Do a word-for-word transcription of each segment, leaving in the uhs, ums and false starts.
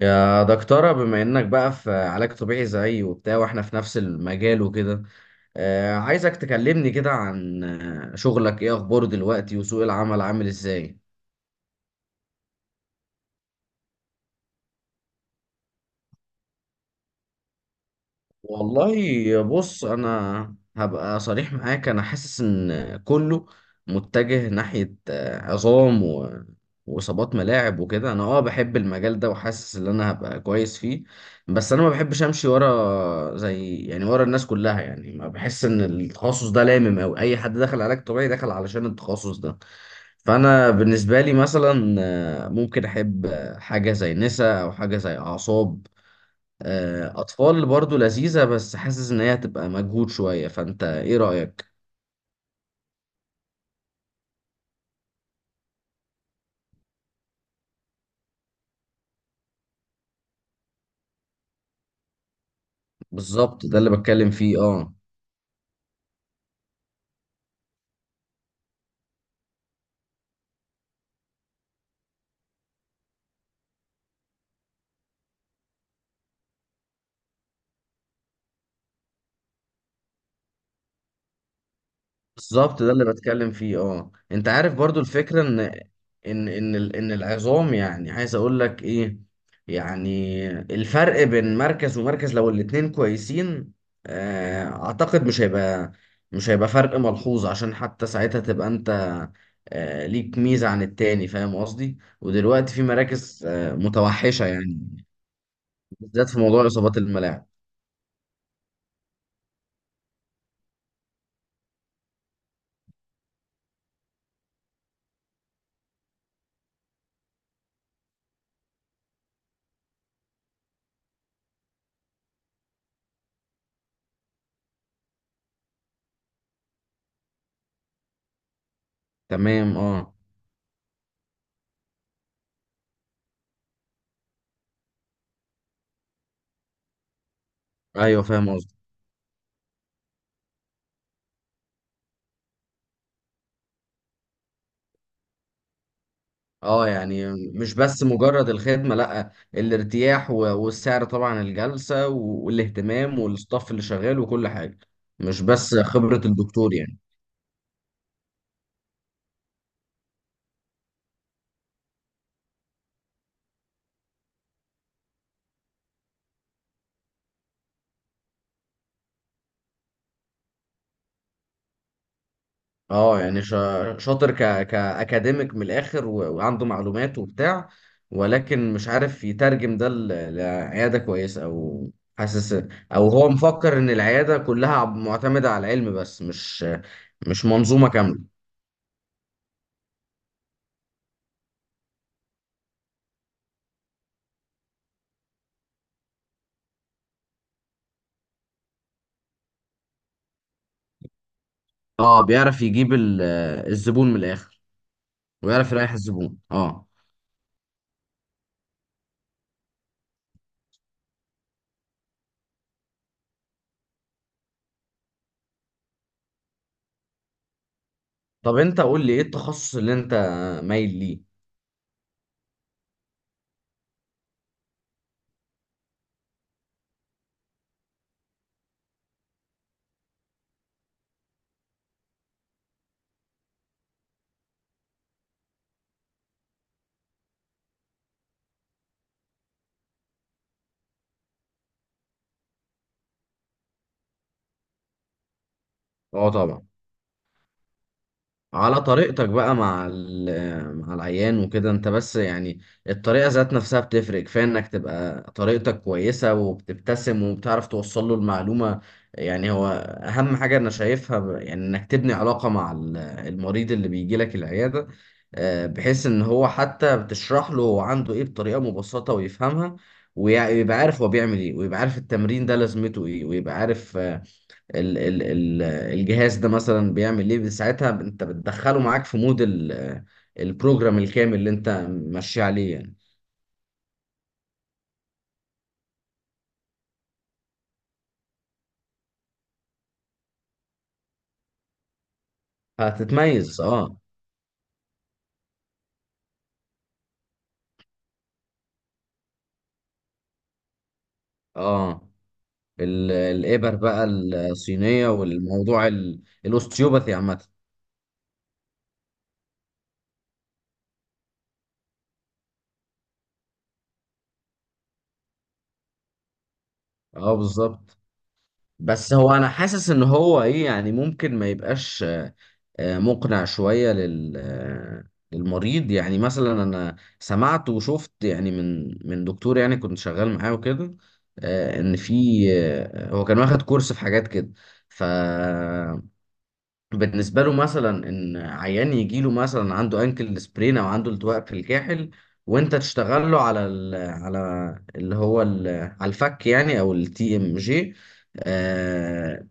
يا دكتورة، بما انك بقى في علاج طبيعي زيي وبتاع، واحنا في نفس المجال وكده. آه، عايزك تكلمني كده عن آه، شغلك ايه اخباره دلوقتي، وسوق العمل عامل ازاي؟ والله بص، انا هبقى صريح معاك، انا حاسس ان كله متجه ناحية آه، عظام و- واصابات ملاعب وكده. انا اه بحب المجال ده، وحاسس ان انا هبقى كويس فيه. بس انا ما بحبش امشي ورا، زي يعني ورا الناس كلها، يعني ما بحس ان التخصص ده لامم، او اي حد دخل علاج طبيعي دخل علشان التخصص ده. فانا بالنسبة لي مثلا آه، ممكن احب آه، حاجة زي نسا، او حاجة زي اعصاب. آه، أطفال برضو لذيذة، بس حاسس إن هي هتبقى مجهود شوية. فأنت إيه رأيك؟ بالظبط، ده اللي بتكلم فيه، أه. بالظبط، ده اللي بتكلم فيه، أه. أنت عارف برضو الفكرة إن إن إن ال- إن العظام، يعني عايز أقول لك إيه، يعني الفرق بين مركز ومركز لو الاتنين كويسين، آه، أعتقد مش هيبقى مش هيبقى فرق ملحوظ. عشان حتى ساعتها تبقى أنت آه، ليك ميزة عن التاني، فاهم قصدي؟ ودلوقتي في مراكز آه، متوحشة يعني، بالذات في موضوع اصابات الملاعب. تمام، اه. ايوه، فاهم قصدي، اه. يعني مش بس مجرد الخدمه، لا، الارتياح و- والسعر طبعا، الجلسه و- والاهتمام، والستاف اللي شغال، وكل حاجه. مش بس خبره الدكتور يعني. اه، يعني شا- شاطر، ك كاكاديميك من الاخر، و- وعنده معلومات وبتاع، ولكن مش عارف يترجم ده ل- لعياده كويسه، او حاسس او هو مفكر ان العياده كلها معتمده على العلم بس، مش مش منظومه كامله. اه، بيعرف يجيب ال- آه، الزبون من الاخر، ويعرف يريح الزبون، اه. طب انت قول لي ايه التخصص اللي انت مايل ليه. اه طبعا، على طريقتك بقى مع ال- مع العيان وكده، انت بس يعني الطريقة ذات نفسها بتفرق. كفاية انك تبقى طريقتك كويسة، وبتبتسم، وبتعرف توصل له المعلومة. يعني هو اهم حاجة انا شايفها ب- يعني انك تبني علاقة مع ال- المريض اللي بيجي لك العيادة، آه، بحيث ان هو حتى بتشرح له هو عنده ايه بطريقة مبسطة، ويفهمها، ويبقى عارف هو بيعمل ايه، ويبقى عارف التمرين ده لازمته ايه، ويبقى عارف ال ال ال الجهاز ده مثلا بيعمل ايه. ساعتها انت بتدخله معاك في مود ال- البروجرام الكامل اللي انت ماشي عليه يعني. هتتميز، اه. اه، ال- الابر بقى الصينية، والموضوع ال- الاوستيوباثي عامة. اه، بالظبط. بس هو انا حاسس ان هو ايه يعني، ممكن ما يبقاش آه، مقنع شوية لل آه، للمريض. يعني مثلا أنا سمعت وشفت، يعني من من دكتور يعني كنت شغال معاه وكده، آه، إن في آه، هو كان واخد كورس في حاجات كده. ف بالنسبة له مثلا إن عيان يجي له مثلا عنده أنكل سبرين أو عنده التواء في الكاحل، وأنت تشتغل له على ال على اللي هو ال على الفك يعني، أو التي إم جي.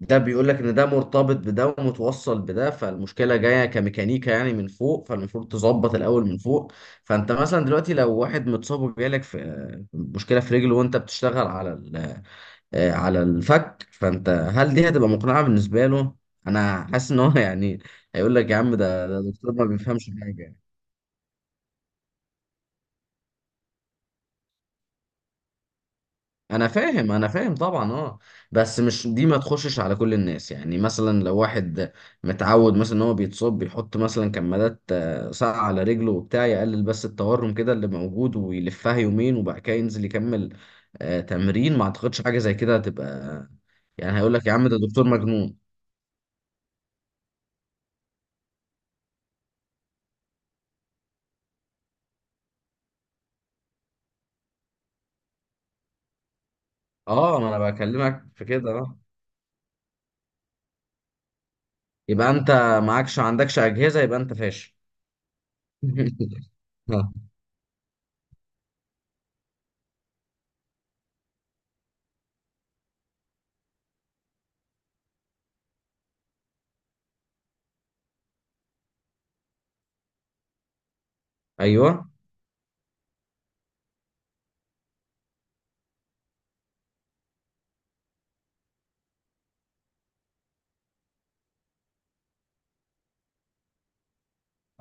ده بيقول لك إن ده مرتبط بده ومتوصل بده، فالمشكلة جاية كميكانيكا يعني من فوق، فالمفروض تظبط الأول من فوق. فأنت مثلا دلوقتي لو واحد متصاب وجالك في آه، مشكلة في رجله، وأنت بتشتغل على آه، على الفك، فانت هل دي هتبقى مقنعة بالنسبة له؟ انا حاسس ان هو يعني هيقول لك يا عم ده ده دكتور ما بيفهمش حاجة يعني. انا فاهم، انا فاهم طبعا، اه. بس مش دي ما تخشش على كل الناس. يعني مثلا لو واحد متعود مثلا ان هو بيتصاب بيحط مثلا كمادات آه، ساقعة على رجله وبتاع، يقلل بس التورم كده اللي موجود، ويلفها يومين، وبعد كده ينزل يكمل آه، تمرين، ما اعتقدش حاجة زي كده هتبقى، يعني هيقول لك يا عم ده دكتور مجنون. اه، ما انا بكلمك في كده آه. يبقى انت معكش عندكش اجهزه، يبقى انت فاشل. آه. ايوه،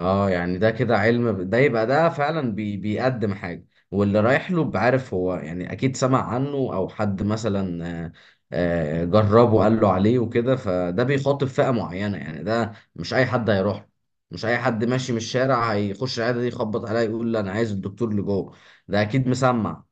اه. يعني ده كده علم، ب- ده يبقى ده فعلا بي بيقدم حاجه، واللي رايح له بعرف هو، يعني اكيد سمع عنه او حد مثلا آه، آه، جربه قال له عليه وكده، فده بيخاطب فئه معينه يعني. ده مش اي حد هيروح له. مش اي حد ماشي من الشارع هيخش العياده دي، يخبط عليا يقول لي انا عايز الدكتور اللي جوه. ده اكيد مسمع.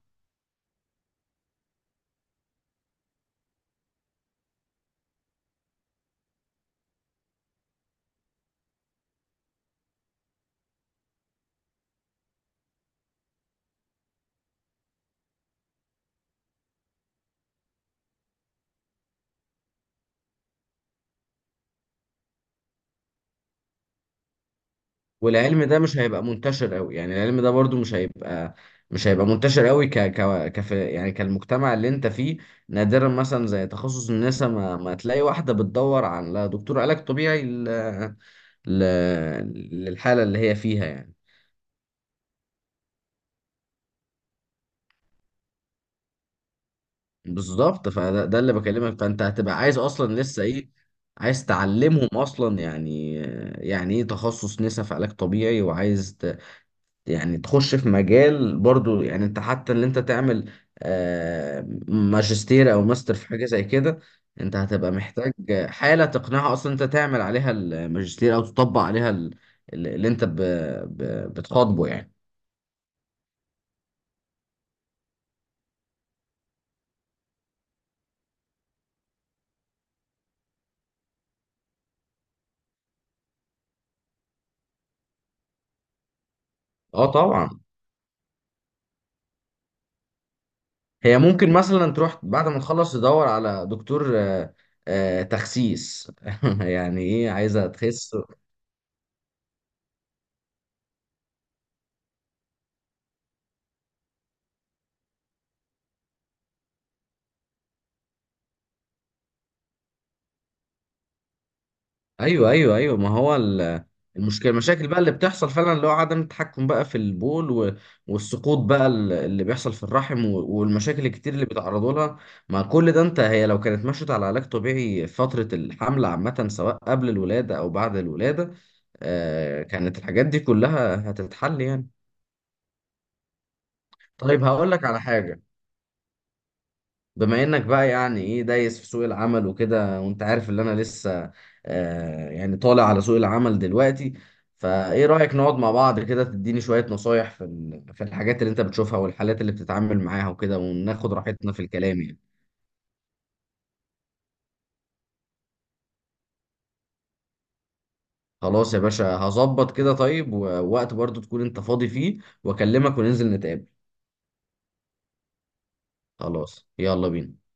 والعلم ده مش هيبقى منتشر قوي. يعني العلم ده برضو مش هيبقى مش هيبقى منتشر قوي ك ك كف يعني كالمجتمع اللي انت فيه. نادرا مثلا زي تخصص النساء، ما, ما تلاقي واحدة بتدور على دكتور علاج طبيعي ل... ل... للحالة اللي هي فيها يعني. بالظبط. فده ده اللي بكلمك، فانت هتبقى عايز اصلا لسه ايه، عايز تعلمهم اصلا يعني يعني ايه تخصص نساء في علاج طبيعي؟ وعايز يعني تخش في مجال برضو، يعني انت حتى اللي انت تعمل آه، ماجستير او ماستر في حاجة زي كده، انت هتبقى محتاج حالة تقنعها اصلا انت تعمل عليها الماجستير، او تطبق عليها ال- اللي انت ب- ب- بتخاطبه يعني. اه طبعا. هي ممكن مثلا تروح بعد ما تخلص تدور على دكتور آه، آه، تخسيس، يعني ايه عايزة تخس. ايوه، ايوه، ايوه. ما هو ال- المشكله المشاكل بقى اللي بتحصل فعلا، اللي هو عدم التحكم بقى في البول و- والسقوط بقى ال- اللي بيحصل في الرحم و- والمشاكل الكتير اللي بيتعرضوا لها. مع كل ده انت هي لو كانت مشت على علاج طبيعي فتره الحمل عامه، سواء قبل الولاده او بعد الولاده، آه كانت الحاجات دي كلها هتتحل يعني. طيب هقول لك على حاجه: بما انك بقى يعني ايه دايس في سوق العمل وكده، وانت عارف ان انا لسه آه يعني طالع على سوق العمل دلوقتي، فايه رأيك نقعد مع بعض كده، تديني شوية نصايح في ال- في الحاجات اللي انت بتشوفها والحالات اللي بتتعامل معاها وكده، وناخد راحتنا في الكلام يعني. خلاص يا باشا، هظبط كده. طيب، ووقت برضو تكون انت فاضي فيه واكلمك، وننزل نتقابل. خلاص، يلا بينا.